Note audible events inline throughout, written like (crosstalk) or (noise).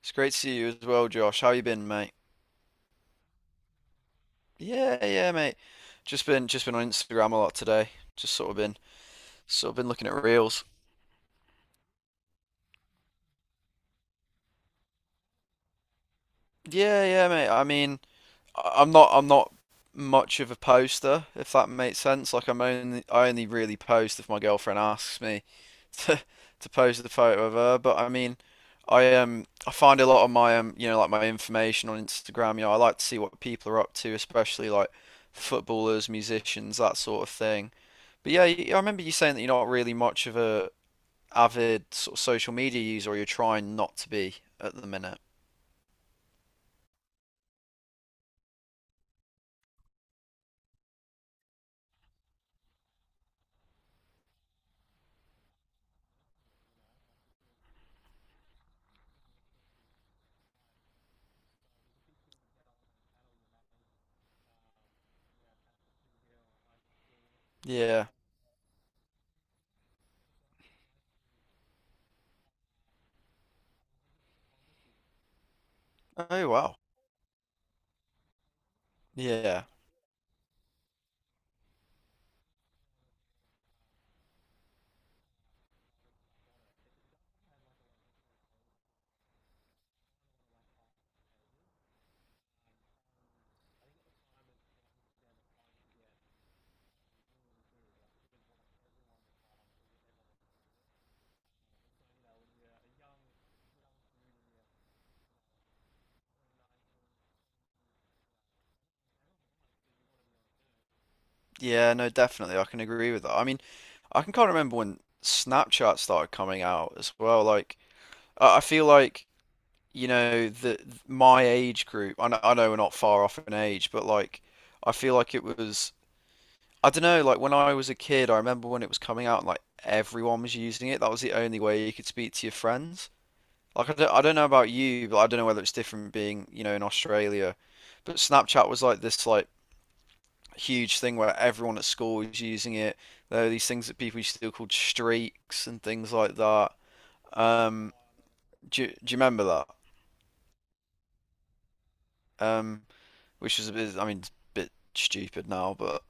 It's great to see you as well, Josh. How you been, mate? Yeah, yeah, mate. Just been on Instagram a lot today. Just sort of been looking at reels. Yeah, yeah, mate. I mean, I'm not much of a poster, if that makes sense. Like I only really post if my girlfriend asks me (laughs) to post the photo of her. But I mean, I find a lot of my information on Instagram. You know, I like to see what people are up to, especially like footballers, musicians, that sort of thing. But yeah, I remember you saying that you're not really much of a avid sort of social media user, or you're trying not to be at the minute. Yeah. Oh wow. Yeah. Yeah, no, definitely. I can agree with that. I mean, I can kind of remember when Snapchat started coming out as well. Like, I feel like, you know, the my age group, I know we're not far off in age, but like, I feel like it was, I don't know, like when I was a kid, I remember when it was coming out, like everyone was using it. That was the only way you could speak to your friends. Like I don't know about you, but I don't know whether it's different being, you know, in Australia. But Snapchat was like this like huge thing where everyone at school was using it. There were these things that people used to do called streaks and things like that. Um, do you remember that? Um, which was a bit, I mean, it's a bit stupid now, but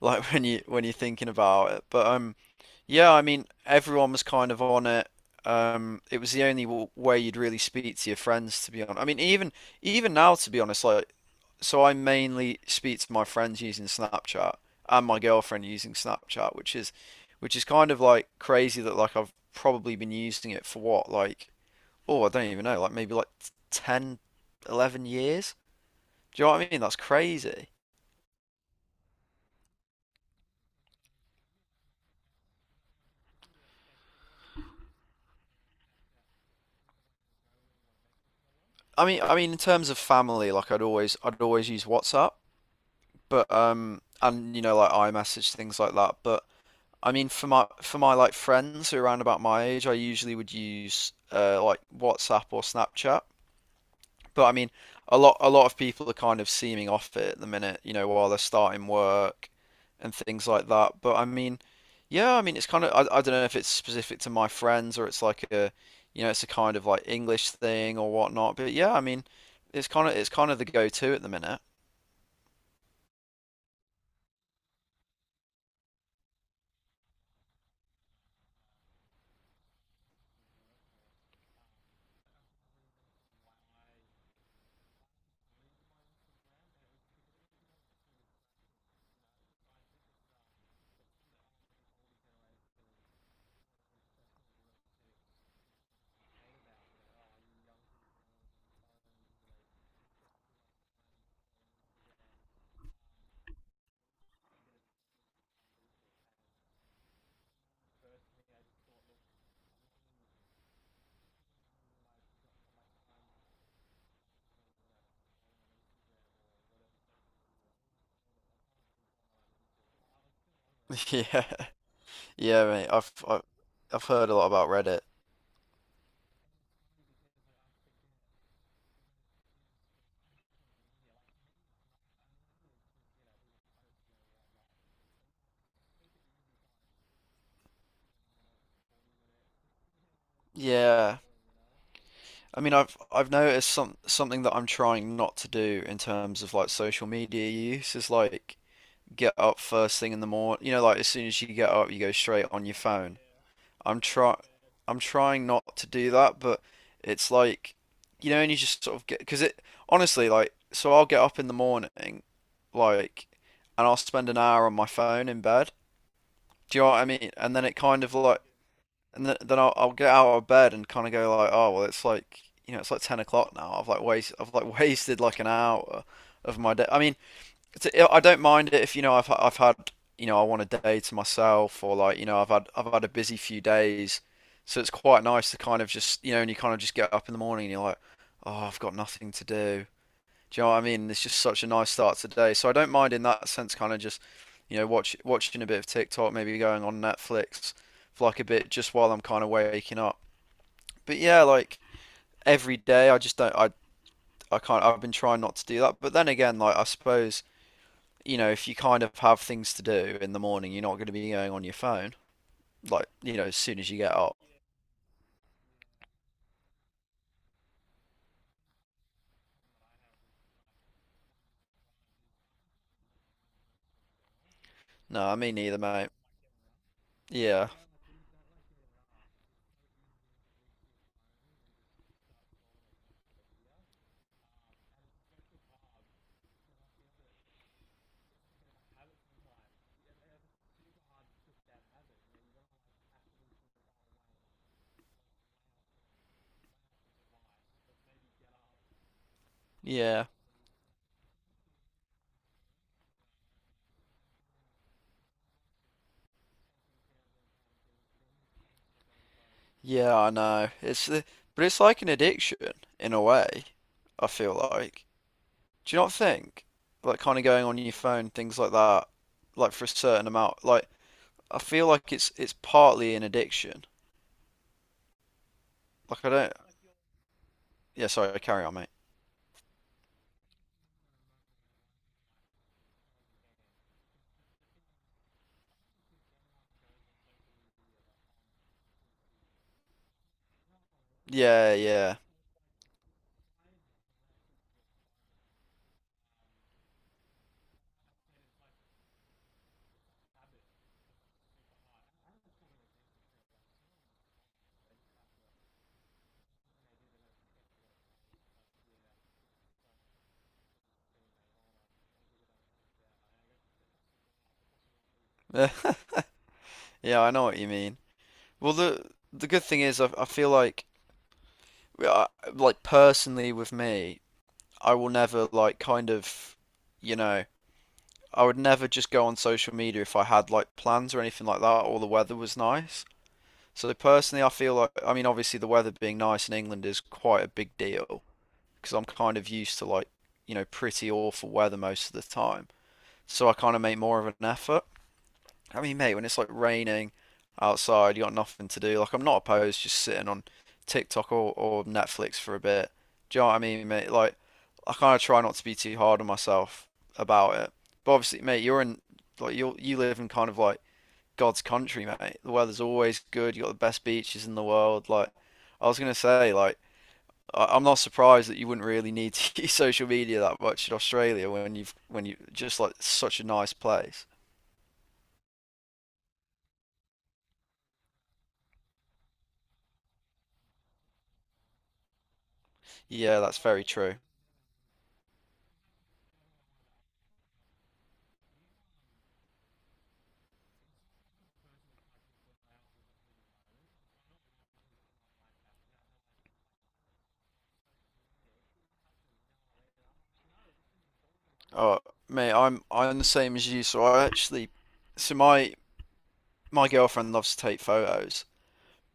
like (laughs) when you're thinking about it. But yeah, I mean, everyone was kind of on it. It was the only w way you'd really speak to your friends, to be honest. I mean, even now, to be honest, like. So I mainly speak to my friends using Snapchat and my girlfriend using Snapchat, which is kind of like crazy that like I've probably been using it for what like oh I don't even know like maybe like 10, 11 years. Do you know what I mean? That's crazy. I mean in terms of family like I'd always use WhatsApp, but and you know like iMessage things like that, but I mean, for my like friends who are around about my age, I usually would use like WhatsApp or Snapchat. But I mean, a lot of people are kind of seeming off it at the minute, you know, while they're starting work and things like that. But I mean, yeah, I mean, it's kind of I don't know if it's specific to my friends or it's like a, you know, it's a kind of like English thing or whatnot. But yeah, I mean, it's kind of the go-to at the minute. (laughs) Yeah, yeah, mate. I've heard a lot about Reddit. Yeah. I mean, I've noticed something that I'm trying not to do in terms of like social media use is like get up first thing in the morning. You know, like as soon as you get up, you go straight on your phone. I'm try I'm trying not to do that, but it's like, you know, and you just sort of get because it honestly like so I'll get up in the morning, like, and I'll spend an hour on my phone in bed. Do you know what I mean? And then it kind of like and then I'll get out of bed and kind of go like, oh well, it's like you know, it's like 10 o'clock now. I've like (laughs) wasted like an hour of my day. I mean. 'Cause I don't mind it if you know I've had you know I want a day to myself or like you know I've had a busy few days, so it's quite nice to kind of just you know and you kind of just get up in the morning and you're like, oh I've got nothing to do. Do you know what I mean? It's just such a nice start to the day. So I don't mind in that sense, kind of just you know watching a bit of TikTok, maybe going on Netflix for like a bit just while I'm kind of waking up. But yeah, like every day I can't I've been trying not to do that. But then again, like I suppose you know, if you kind of have things to do in the morning, you're not going to be going on your phone. Like, you know, as soon as you get up. No, me neither, mate. Yeah, yeah, yeah, I know. But it's like an addiction in a way, I feel like. Do you not think? Like, kind of going on your phone, things like that, like for a certain amount. Like, I feel like it's partly an addiction. Like, I don't. Yeah, sorry, carry on, mate. Yeah, yeah. (laughs) Yeah, I know what you mean. Well, the good thing is, I feel like like personally with me, I will never like kind of, you know, I would never just go on social media if I had like plans or anything like that or the weather was nice. So personally, I feel like I mean obviously the weather being nice in England is quite a big deal because I'm kind of used to like, you know, pretty awful weather most of the time. So I kind of make more of an effort. I mean, mate, when it's like raining outside, you got nothing to do. Like, I'm not opposed to just sitting on TikTok or Netflix for a bit. Do you know what I mean, mate? Like, I kind of try not to be too hard on myself about it. But obviously, mate, you live in kind of like God's country, mate. The weather's always good. You got the best beaches in the world. Like, I was gonna say, like, I'm not surprised that you wouldn't really need to (laughs) use social media that much in Australia when you just like such a nice place. Yeah, that's very true. Oh, mate, I'm the same as you. So so my my girlfriend loves to take photos,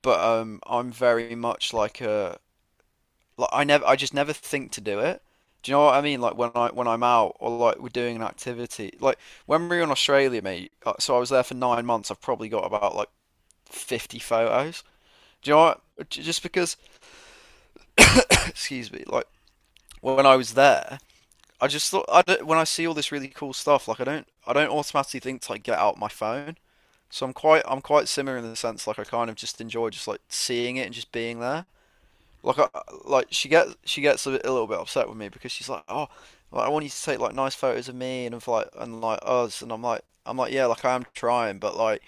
but I'm very much like a like I just never think to do it. Do you know what I mean? Like when I'm out or like we're doing an activity, like when we were in Australia, mate. So I was there for 9 months. I've probably got about like 50 photos. Do you know what? Just because, (coughs) (clears throat) excuse me, like when I was there, I just thought I don't, when I see all this really cool stuff, like I don't automatically think to like get out my phone. So I'm quite similar in the sense like I kind of just enjoy just like seeing it and just being there. Like I like she gets a little bit upset with me because she's like, oh, like, I want you to take like nice photos of me and of like and like us and I'm like yeah like I am trying but like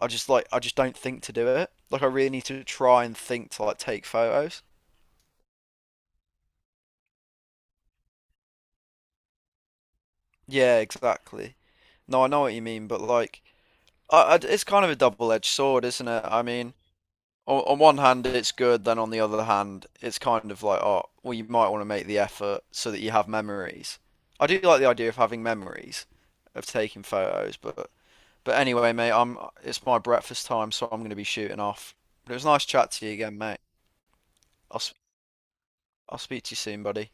I just don't think to do it. Like I really need to try and think to like take photos. Yeah, exactly. No, I know what you mean, but like it's kind of a double-edged sword, isn't it? I mean. On one hand it's good, then on the other hand it's kind of like oh well you might want to make the effort so that you have memories. I do like the idea of having memories of taking photos, but anyway, mate, I'm it's my breakfast time, so I'm going to be shooting off. But it was nice chat to you again, mate. I'll i I'll speak to you soon, buddy.